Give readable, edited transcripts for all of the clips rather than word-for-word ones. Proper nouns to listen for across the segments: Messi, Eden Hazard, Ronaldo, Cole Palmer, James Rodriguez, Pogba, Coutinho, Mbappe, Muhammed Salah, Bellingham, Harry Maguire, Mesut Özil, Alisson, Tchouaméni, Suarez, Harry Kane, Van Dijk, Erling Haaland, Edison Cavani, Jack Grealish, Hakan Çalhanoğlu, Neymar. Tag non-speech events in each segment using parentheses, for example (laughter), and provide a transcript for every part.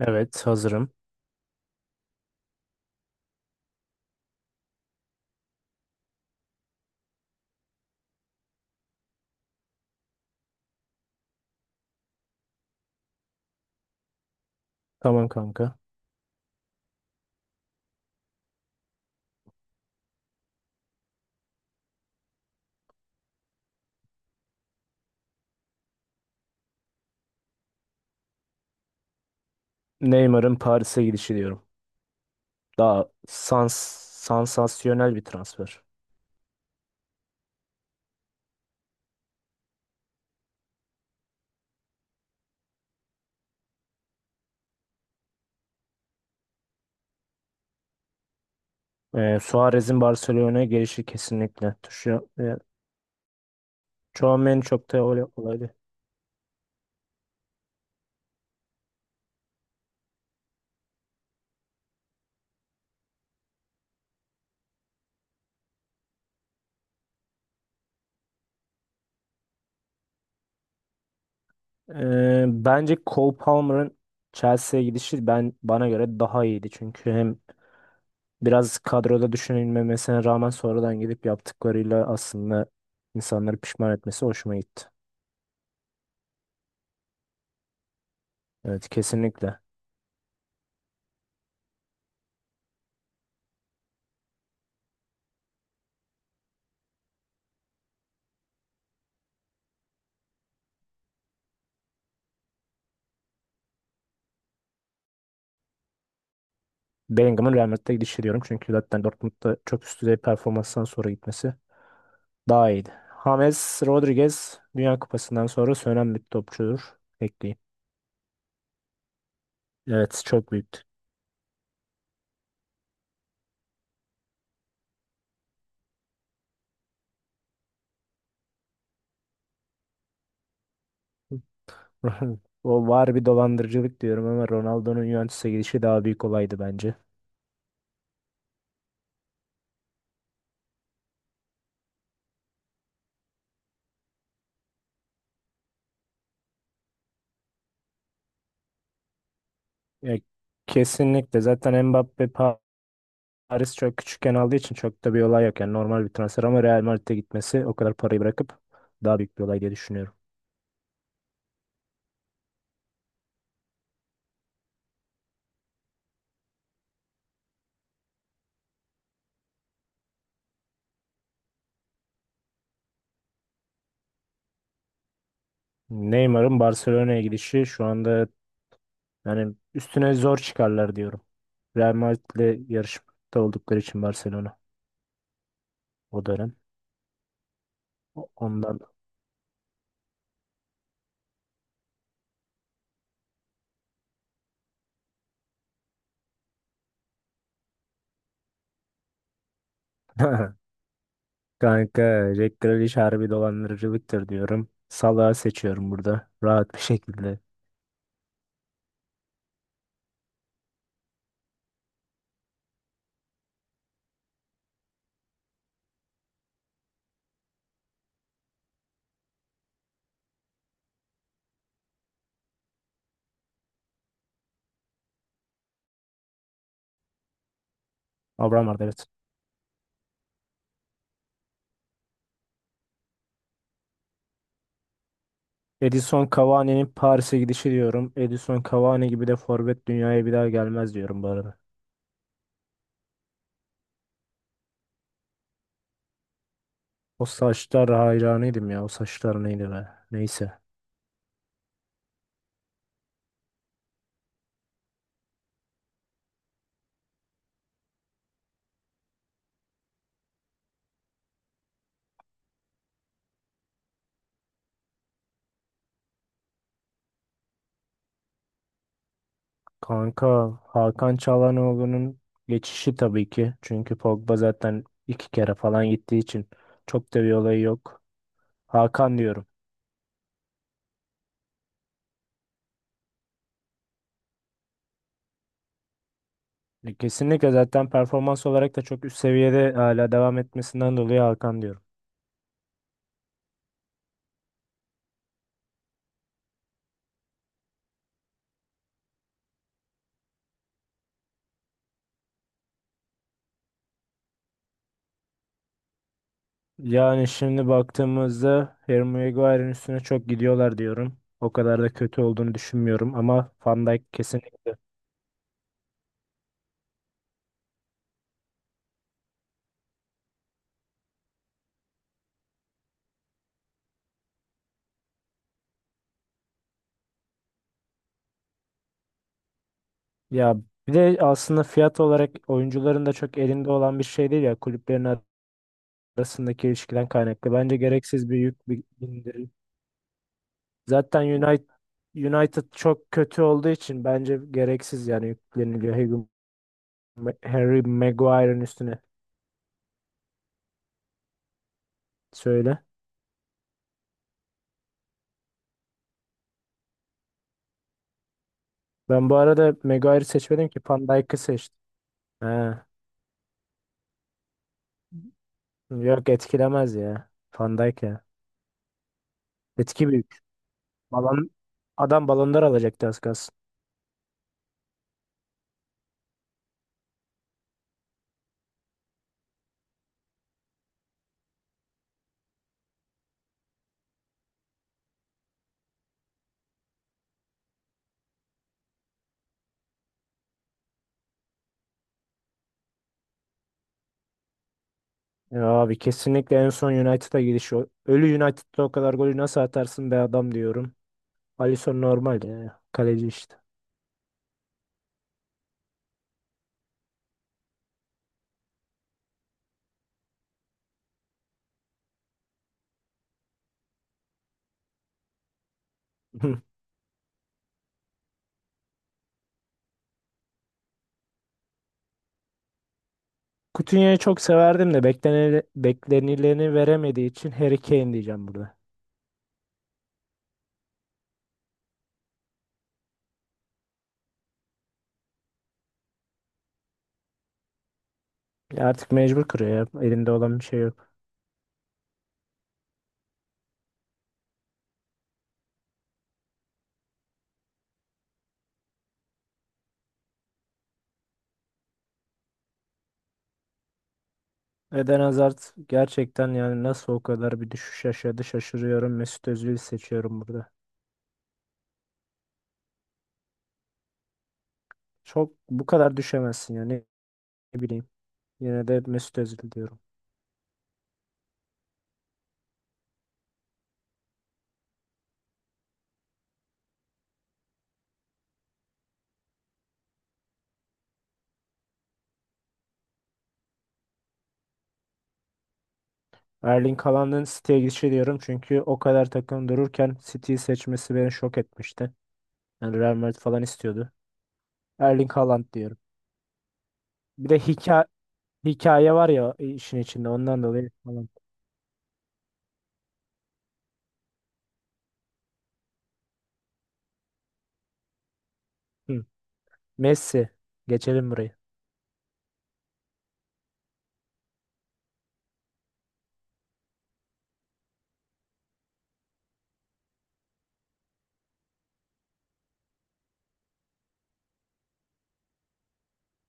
Evet, hazırım. Tamam kanka. Neymar'ın Paris'e gidişi diyorum. Daha sansasyonel bir transfer. Suarez'in Barcelona'ya gelişi kesinlikle. Tchouaméni çok da öyle olaydı. Bence Cole Palmer'ın Chelsea'ye gidişi ben bana göre daha iyiydi. Çünkü hem biraz kadroda düşünülmemesine rağmen sonradan gidip yaptıklarıyla aslında insanları pişman etmesi hoşuma gitti. Evet, kesinlikle. Bellingham'ın Real Madrid'e gidişi diyorum. Çünkü zaten Dortmund'da çok üst düzey performanstan sonra gitmesi daha iyiydi. James Rodriguez Dünya Kupası'ndan sonra sönen bir topçudur. Ekleyeyim. Evet, çok büyüktü. (laughs) O var, bir dolandırıcılık diyorum ama Ronaldo'nun Juventus'a gidişi daha büyük olaydı bence. Ya, kesinlikle zaten Mbappe Paris çok küçükken aldığı için çok da bir olay yok. Yani normal bir transfer ama Real Madrid'e gitmesi, o kadar parayı bırakıp daha büyük bir olay diye düşünüyorum. Neymar'ın Barcelona'ya gidişi şu anda hani üstüne zor çıkarlar diyorum. Real Madrid'le yarışmakta oldukları için Barcelona o dönem. Ondan. (laughs) Kanka, Jack Grealish harbi dolandırıcılıktır diyorum. Salah'ı seçiyorum burada rahat bir şekilde. Abraham Arbeloa. Edison Cavani'nin Paris'e gidişi diyorum. Edison Cavani gibi de forvet dünyaya bir daha gelmez diyorum bu arada. O saçlar, hayranıydım ya. O saçlar neydi be? Neyse. Kanka, Hakan Çalhanoğlu'nun geçişi tabii ki. Çünkü Pogba zaten iki kere falan gittiği için çok da bir olayı yok. Hakan diyorum. E, kesinlikle zaten performans olarak da çok üst seviyede hala devam etmesinden dolayı Hakan diyorum. Yani şimdi baktığımızda Harry Maguire'ın üstüne çok gidiyorlar diyorum. O kadar da kötü olduğunu düşünmüyorum ama Van Dijk kesinlikle. Ya, bir de aslında fiyat olarak oyuncuların da çok elinde olan bir şey değil ya, kulüplerin arasındaki ilişkiden kaynaklı. Bence gereksiz bir yük bindirildi. Zaten United çok kötü olduğu için bence gereksiz yani yükleniliyor Harry Maguire'ın üstüne. Söyle. Ben bu arada Maguire'ı seçmedim ki, Van Dijk'ı seçtim. Ha. Yok, etkilemez ya. Van Dijk ya. Etki büyük. Balon, adam balonlar alacaktı az kalsın. Ya abi, kesinlikle en son United'a gidişi. Ölü United'da o kadar golü nasıl atarsın be adam diyorum. Alisson normal ya. Kaleci işte. (laughs) Coutinho'yu çok severdim de beklenileni veremediği için Harry Kane diyeceğim burada. Ya artık mecbur kırıyor ya. Elinde olan bir şey yok. Eden Hazard gerçekten, yani nasıl o kadar bir düşüş yaşadı şaşırıyorum. Mesut Özil'i seçiyorum burada. Çok bu kadar düşemezsin ya, ne bileyim. Yine de Mesut Özil diyorum. Erling Haaland'ın City'ye gidişi diyorum çünkü o kadar takım dururken City'yi seçmesi beni şok etmişti. Yani Real Madrid falan istiyordu. Erling Haaland diyorum. Bir de hikaye. Hikaye var ya işin içinde, ondan dolayı falan. Hı. Messi. Geçelim burayı.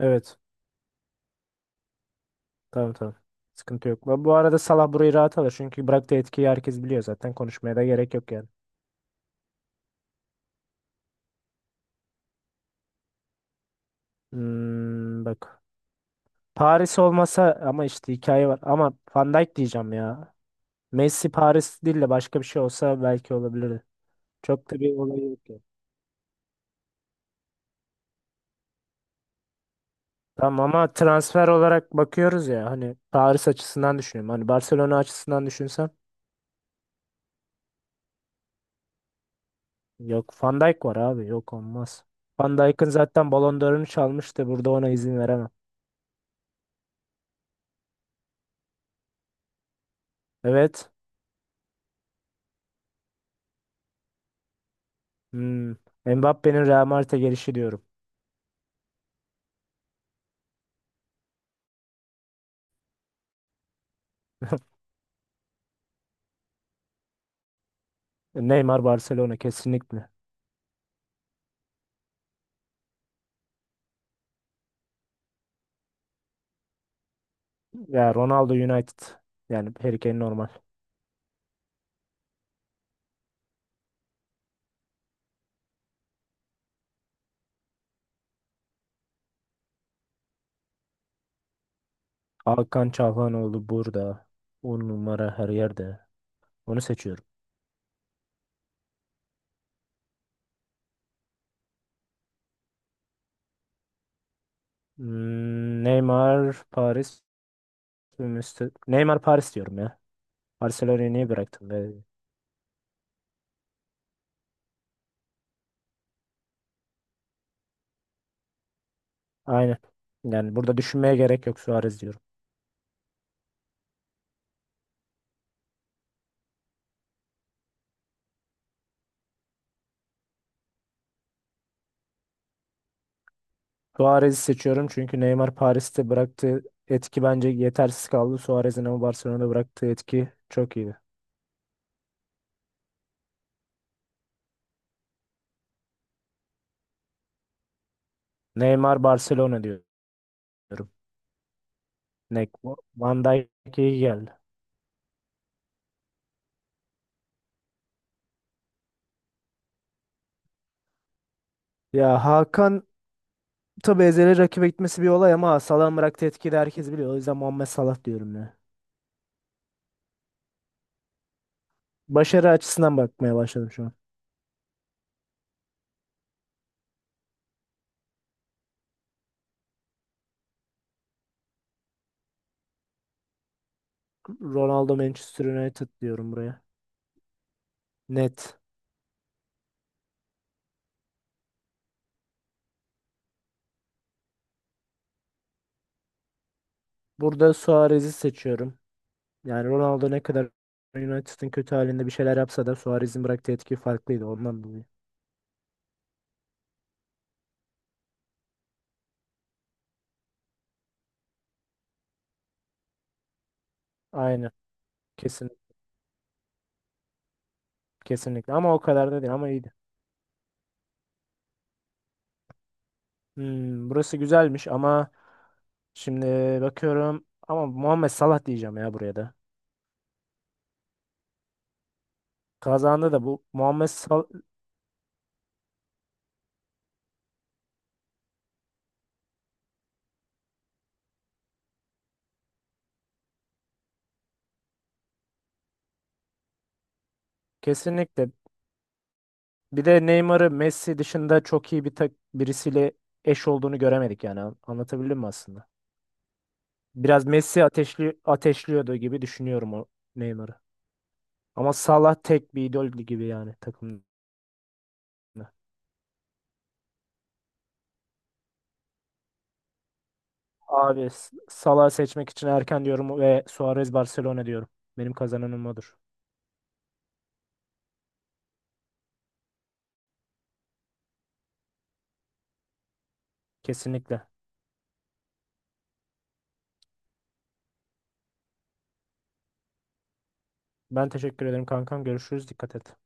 Evet. Tamam, tamam. Sıkıntı yok. Bu, bu arada Salah burayı rahat alır. Çünkü bıraktığı etkiyi herkes biliyor zaten. Konuşmaya da gerek yok yani. Bak. Paris olmasa ama işte hikaye var. Ama Van Dijk diyeceğim ya. Messi Paris değil de başka bir şey olsa belki olabilirdi. Çok da bir olay yok ya. Tamam ama transfer olarak bakıyoruz ya, hani Paris açısından düşünüyorum. Hani Barcelona açısından düşünsem. Yok, Van Dijk var abi. Yok, olmaz. Van Dijk'ın zaten Ballon d'Or'unu çalmıştı. Burada ona izin veremem. Evet. Hmm. Mbappe'nin Real Madrid'e gelişi diyorum. Neymar Barcelona kesinlikle. Ya Ronaldo United. Yani Harry Kane normal. Hakan Çalhanoğlu burada. On numara her yerde. Onu seçiyorum. Neymar Paris. Neymar Paris diyorum ya. Barcelona'yı niye bıraktım be? Aynen. Yani burada düşünmeye gerek yok, Suarez diyorum. Suarez'i seçiyorum çünkü Neymar Paris'te bıraktığı etki bence yetersiz kaldı. Suarez'in ama Barcelona'da bıraktığı etki çok iyiydi. Neymar Barcelona diyorum. Ne, Van Dijk iyi geldi. Ya Hakan, tabii ezeli rakibe gitmesi bir olay ama Salah'ın bıraktığı etkiyi de herkes biliyor. O yüzden Muhammed Salah diyorum ya. Başarı açısından bakmaya başladım şu an. Ronaldo Manchester United diyorum buraya. Net. Burada Suarez'i seçiyorum. Yani Ronaldo ne kadar United'ın kötü halinde bir şeyler yapsa da Suarez'in bıraktığı etki farklıydı, ondan dolayı. Aynen. Kesin, Kesinlikle. Ama o kadar da değil, ama iyiydi. Burası güzelmiş ama şimdi bakıyorum, ama Muhammed Salah diyeceğim ya buraya da. Kazandı da bu Muhammed Salah kesinlikle. Bir de Neymar'ı Messi dışında çok iyi bir birisiyle eş olduğunu göremedik yani. Anlatabildim mi aslında? Biraz Messi ateşliyordu gibi düşünüyorum o Neymar'ı. Ama Salah tek bir idol gibi yani takımda. Abi, Salah'ı seçmek için erken diyorum ve Suarez Barcelona diyorum. Benim kazananım odur. Kesinlikle. Ben teşekkür ederim kankam. Görüşürüz. Dikkat et.